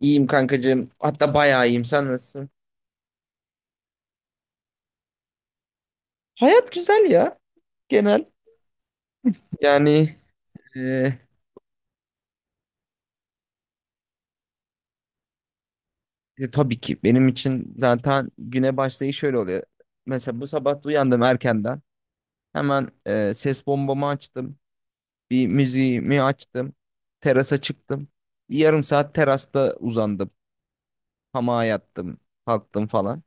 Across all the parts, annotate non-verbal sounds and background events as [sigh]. İyiyim kankacığım. Hatta bayağı iyiyim. Sen nasılsın? Hayat güzel ya. Genel. Yani e, tabii ki benim için zaten güne başlayış şöyle oluyor. Mesela bu sabah uyandım erkenden. Hemen ses bombamı açtım. Bir müziğimi açtım. Terasa çıktım. Bir yarım saat terasta uzandım. Hamağa yattım. Kalktım falan.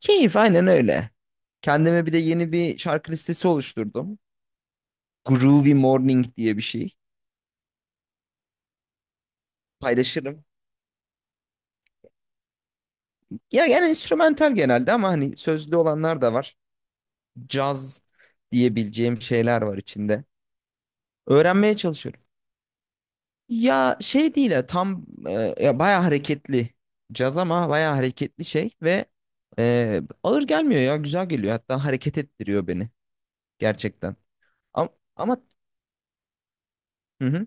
Keyif, aynen öyle. Kendime bir de yeni bir şarkı listesi oluşturdum. Groovy Morning diye bir şey. Paylaşırım. Ya yani instrumental genelde ama hani sözlü olanlar da var. Caz diyebileceğim şeyler var içinde. Öğrenmeye çalışıyorum. Ya şey değil ya tam ya bayağı hareketli caz ama bayağı hareketli şey ve ağır gelmiyor ya güzel geliyor hatta hareket ettiriyor beni gerçekten. Ama, ama hı hı.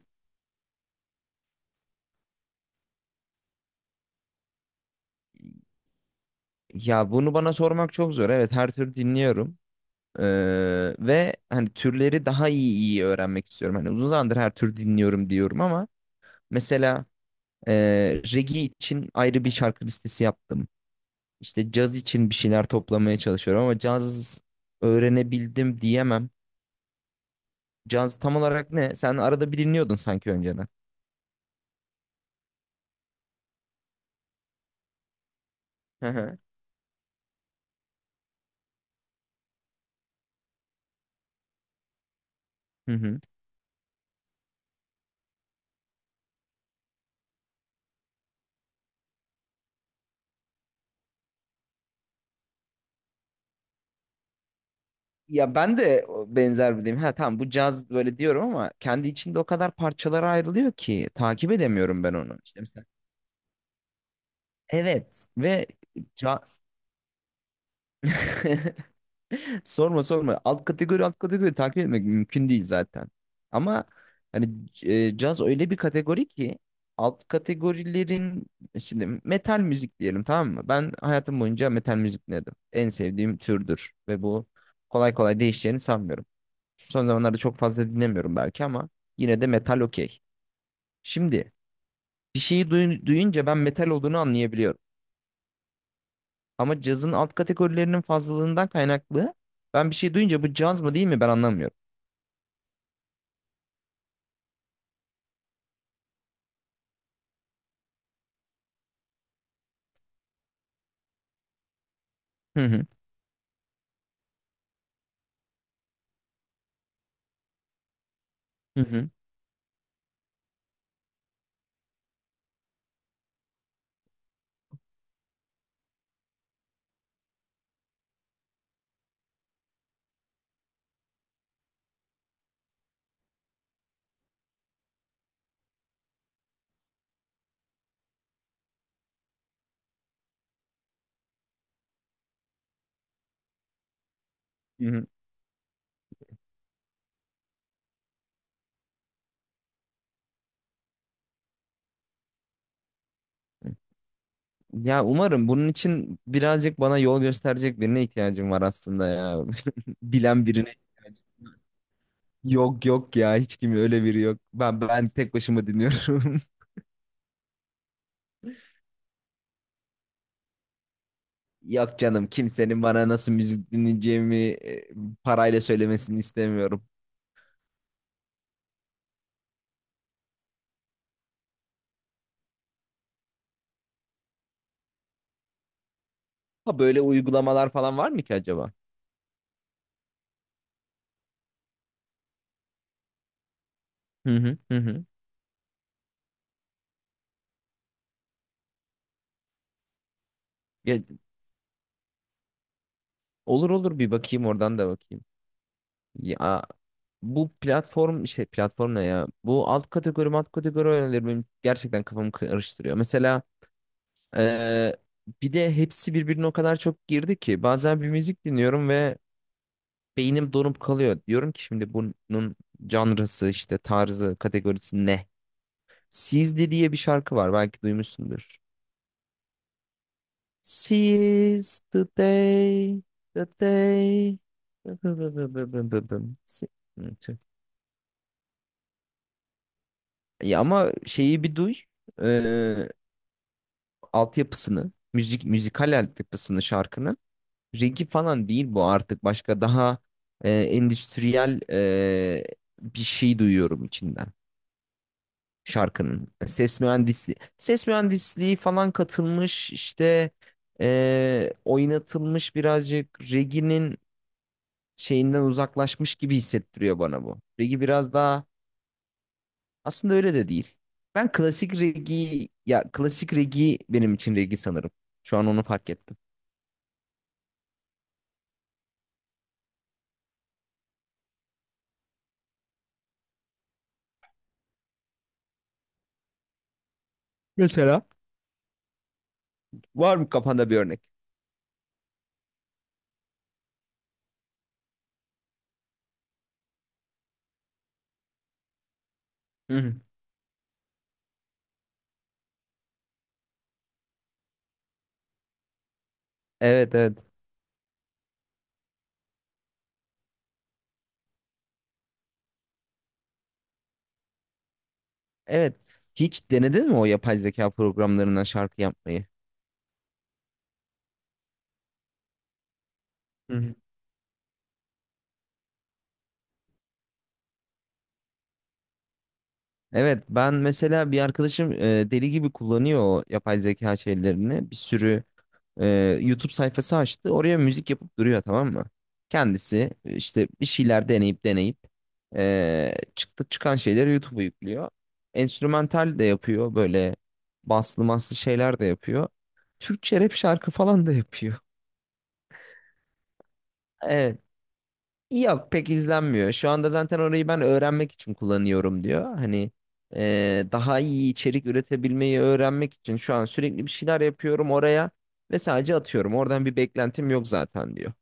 Ya bunu bana sormak çok zor. Evet, her tür dinliyorum. E, Ve hani türleri daha iyi öğrenmek istiyorum. Hani uzun zamandır her tür dinliyorum diyorum ama mesela reggae için ayrı bir şarkı listesi yaptım. İşte caz için bir şeyler toplamaya çalışıyorum ama caz öğrenebildim diyemem. Caz tam olarak ne? Sen arada bir dinliyordun sanki önceden. Hı hı. Hı hı. Ya ben de o benzer bir deyim. Ha tamam, bu caz böyle diyorum ama kendi içinde o kadar parçalara ayrılıyor ki takip edemiyorum ben onu. İşte mesela. Evet ve ca [laughs] sorma sorma. Alt kategori alt kategori takip etmek mümkün değil zaten. Ama hani caz öyle bir kategori ki alt kategorilerin, şimdi metal müzik diyelim, tamam mı? Ben hayatım boyunca metal müzik dinledim. En sevdiğim türdür ve bu kolay kolay değişeceğini sanmıyorum. Son zamanlarda çok fazla dinlemiyorum belki ama yine de metal okey. Şimdi bir şeyi duyunca ben metal olduğunu anlayabiliyorum. Ama cazın alt kategorilerinin fazlalığından kaynaklı, ben bir şey duyunca bu caz mı değil mi ben anlamıyorum. [laughs] Hı hı. Hı hı. Ya umarım, bunun için birazcık bana yol gösterecek birine ihtiyacım var aslında ya. [laughs] Bilen birine. Yok yok ya, hiç kim öyle biri yok. Ben tek başıma dinliyorum. [laughs] Yok canım, kimsenin bana nasıl müzik dinleyeceğimi parayla söylemesini istemiyorum. Ha, böyle uygulamalar falan var mı ki acaba? Hı hı hı hı. Ya, olur olur, bir bakayım, oradan da bakayım. Ya, bu platform, işte platform ne ya? Bu alt kategori alt kategori oyunları benim gerçekten kafamı karıştırıyor. Mesela eee, bir de hepsi birbirine o kadar çok girdi ki bazen bir müzik dinliyorum ve beynim donup kalıyor. Diyorum ki şimdi bunun janrası, işte tarzı, kategorisi ne? Sizdi diye bir şarkı var, belki duymuşsundur. Seize the day, the day. Ya ama şeyi bir duy, altyapısını, müzikal altyapısını şarkının. Reggae falan değil bu artık, başka, daha endüstriyel, bir şey duyuyorum içinden şarkının. Ses mühendisliği falan katılmış, işte oynatılmış birazcık, reggae'nin şeyinden uzaklaşmış gibi hissettiriyor bana bu. Reggae biraz daha, aslında öyle de değil. Ben klasik reggae, ya klasik reggae benim için reggae sanırım. Şu an onu fark ettim. Mesela? Var mı kafanda bir örnek? Hı hı. Evet evet. Evet. Hiç denedin mi o yapay zeka programlarından şarkı yapmayı? Hı hı. Evet, ben mesela bir arkadaşım deli gibi kullanıyor o yapay zeka şeylerini. Bir sürü e, YouTube sayfası açtı. Oraya müzik yapıp duruyor, tamam mı? Kendisi işte bir şeyler deneyip deneyip e, çıktı çıkan şeyleri YouTube'a yüklüyor. Enstrümantal de yapıyor, böyle baslı maslı şeyler de yapıyor. Türkçe rap şarkı falan da yapıyor. Evet. Yok, pek izlenmiyor. Şu anda zaten orayı ben öğrenmek için kullanıyorum diyor. Hani daha iyi içerik üretebilmeyi öğrenmek için şu an sürekli bir şeyler yapıyorum oraya ve sadece atıyorum. Oradan bir beklentim yok zaten diyor.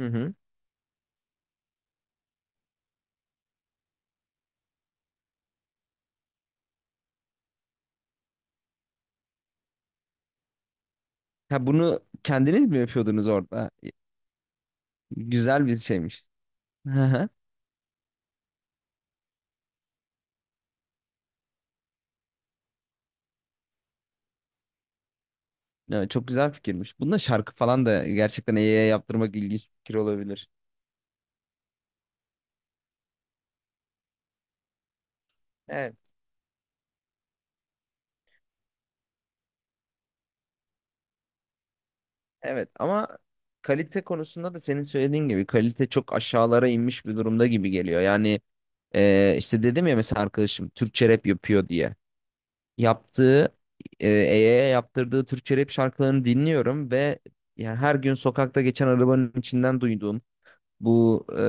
Hı hı. Ha, bunu kendiniz mi yapıyordunuz orada? Güzel bir şeymiş. Hı hı. Evet, çok güzel fikirmiş. Bunda şarkı falan da gerçekten AI'ye yaptırmak ilginç bir fikir olabilir. Evet, evet ama kalite konusunda da senin söylediğin gibi kalite çok aşağılara inmiş bir durumda gibi geliyor. Yani işte dedim ya, mesela arkadaşım Türkçe rap yapıyor diye. Yaptığı, EY'ye yaptırdığı Türkçe rap şarkılarını dinliyorum ve yani her gün sokakta geçen arabanın içinden duyduğum bu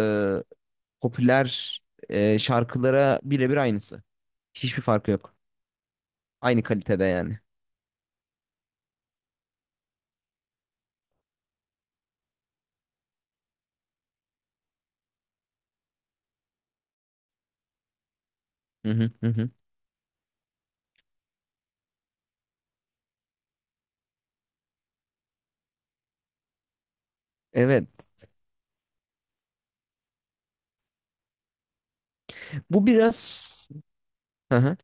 popüler şarkılara birebir aynısı. Hiçbir farkı yok. Aynı kalitede yani. Hı hı hı hı. Evet. Bu biraz, hı hı,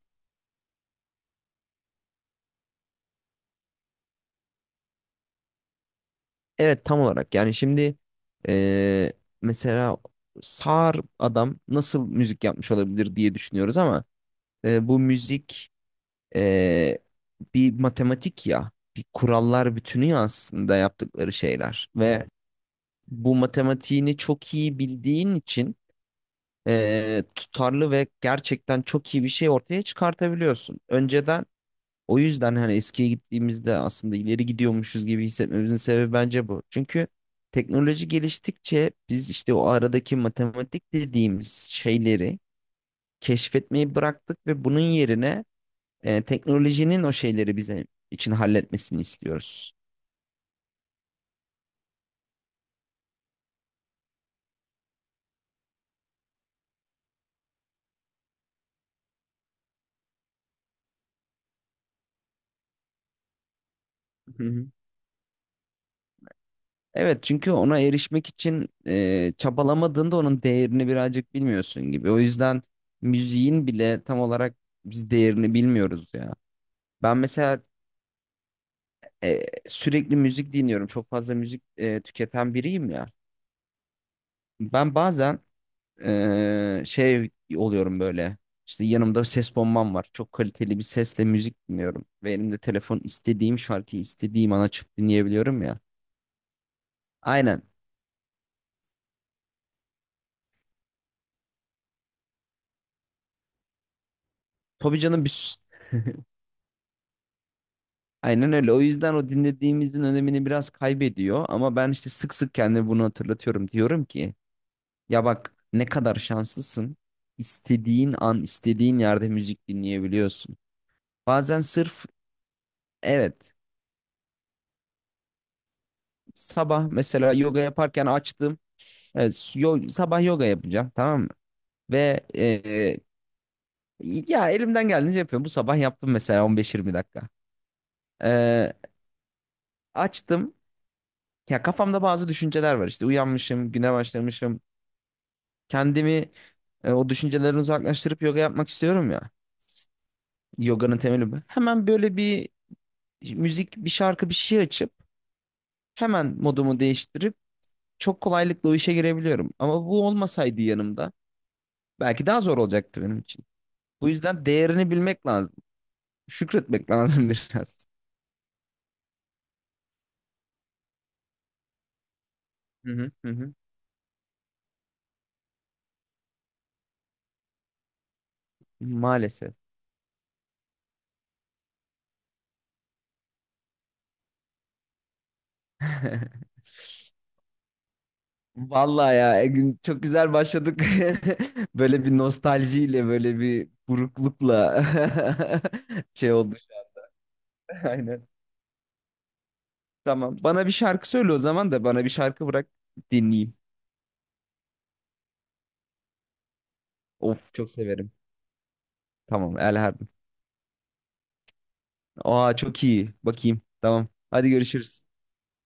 evet tam olarak yani şimdi e, mesela sağır adam nasıl müzik yapmış olabilir diye düşünüyoruz ama bu müzik e, bir matematik ya. Bir kurallar bütünü ya aslında yaptıkları şeyler. Ve bu matematiğini çok iyi bildiğin için tutarlı ve gerçekten çok iyi bir şey ortaya çıkartabiliyorsun. Önceden, o yüzden hani eskiye gittiğimizde aslında ileri gidiyormuşuz gibi hissetmemizin sebebi bence bu. Çünkü teknoloji geliştikçe biz işte o aradaki matematik dediğimiz şeyleri keşfetmeyi bıraktık ve bunun yerine teknolojinin o şeyleri bize için halletmesini istiyoruz. Hı hı. Evet, çünkü ona erişmek için çabalamadığında onun değerini birazcık bilmiyorsun gibi. O yüzden müziğin bile tam olarak biz değerini bilmiyoruz ya. Ben mesela sürekli müzik dinliyorum. Çok fazla müzik tüketen biriyim ya. Ben bazen şey oluyorum böyle. İşte yanımda ses bombam var. Çok kaliteli bir sesle müzik dinliyorum. Ve elimde telefon, istediğim şarkıyı istediğim an açıp dinleyebiliyorum ya. Aynen. Tabii canım, biz aynen öyle. O yüzden o dinlediğimizin önemini biraz kaybediyor. Ama ben işte sık sık kendime bunu hatırlatıyorum. Diyorum ki ya bak, ne kadar şanslısın. İstediğin an, istediğin yerde müzik dinleyebiliyorsun. Bazen sırf, evet, sabah mesela yoga yaparken açtım. Evet, sabah yoga yapacağım, tamam mı? Ve ya elimden geldiğince yapıyorum. Bu sabah yaptım mesela 15-20 dakika. E, Açtım. Ya kafamda bazı düşünceler var, işte uyanmışım, güne başlamışım. Kendimi o düşüncelerden uzaklaştırıp yoga yapmak istiyorum ya. Yoganın temeli bu. Hemen böyle bir müzik, bir şarkı, bir şey açıp hemen modumu değiştirip çok kolaylıkla o işe girebiliyorum. Ama bu olmasaydı yanımda, belki daha zor olacaktı benim için. Bu yüzden değerini bilmek lazım. Şükretmek lazım [laughs] biraz. Hı hı hı hı. Maalesef. [laughs] Vallahi ya Egün, çok güzel başladık. [laughs] Böyle bir nostaljiyle, böyle bir buruklukla [laughs] şey oldu. [laughs] Aynen. Tamam. Bana bir şarkı söyle o zaman, da bana bir şarkı bırak dinleyeyim. Of, çok severim. Tamam, El Harbi. Aa, çok iyi. Bakayım. Tamam. Hadi, görüşürüz.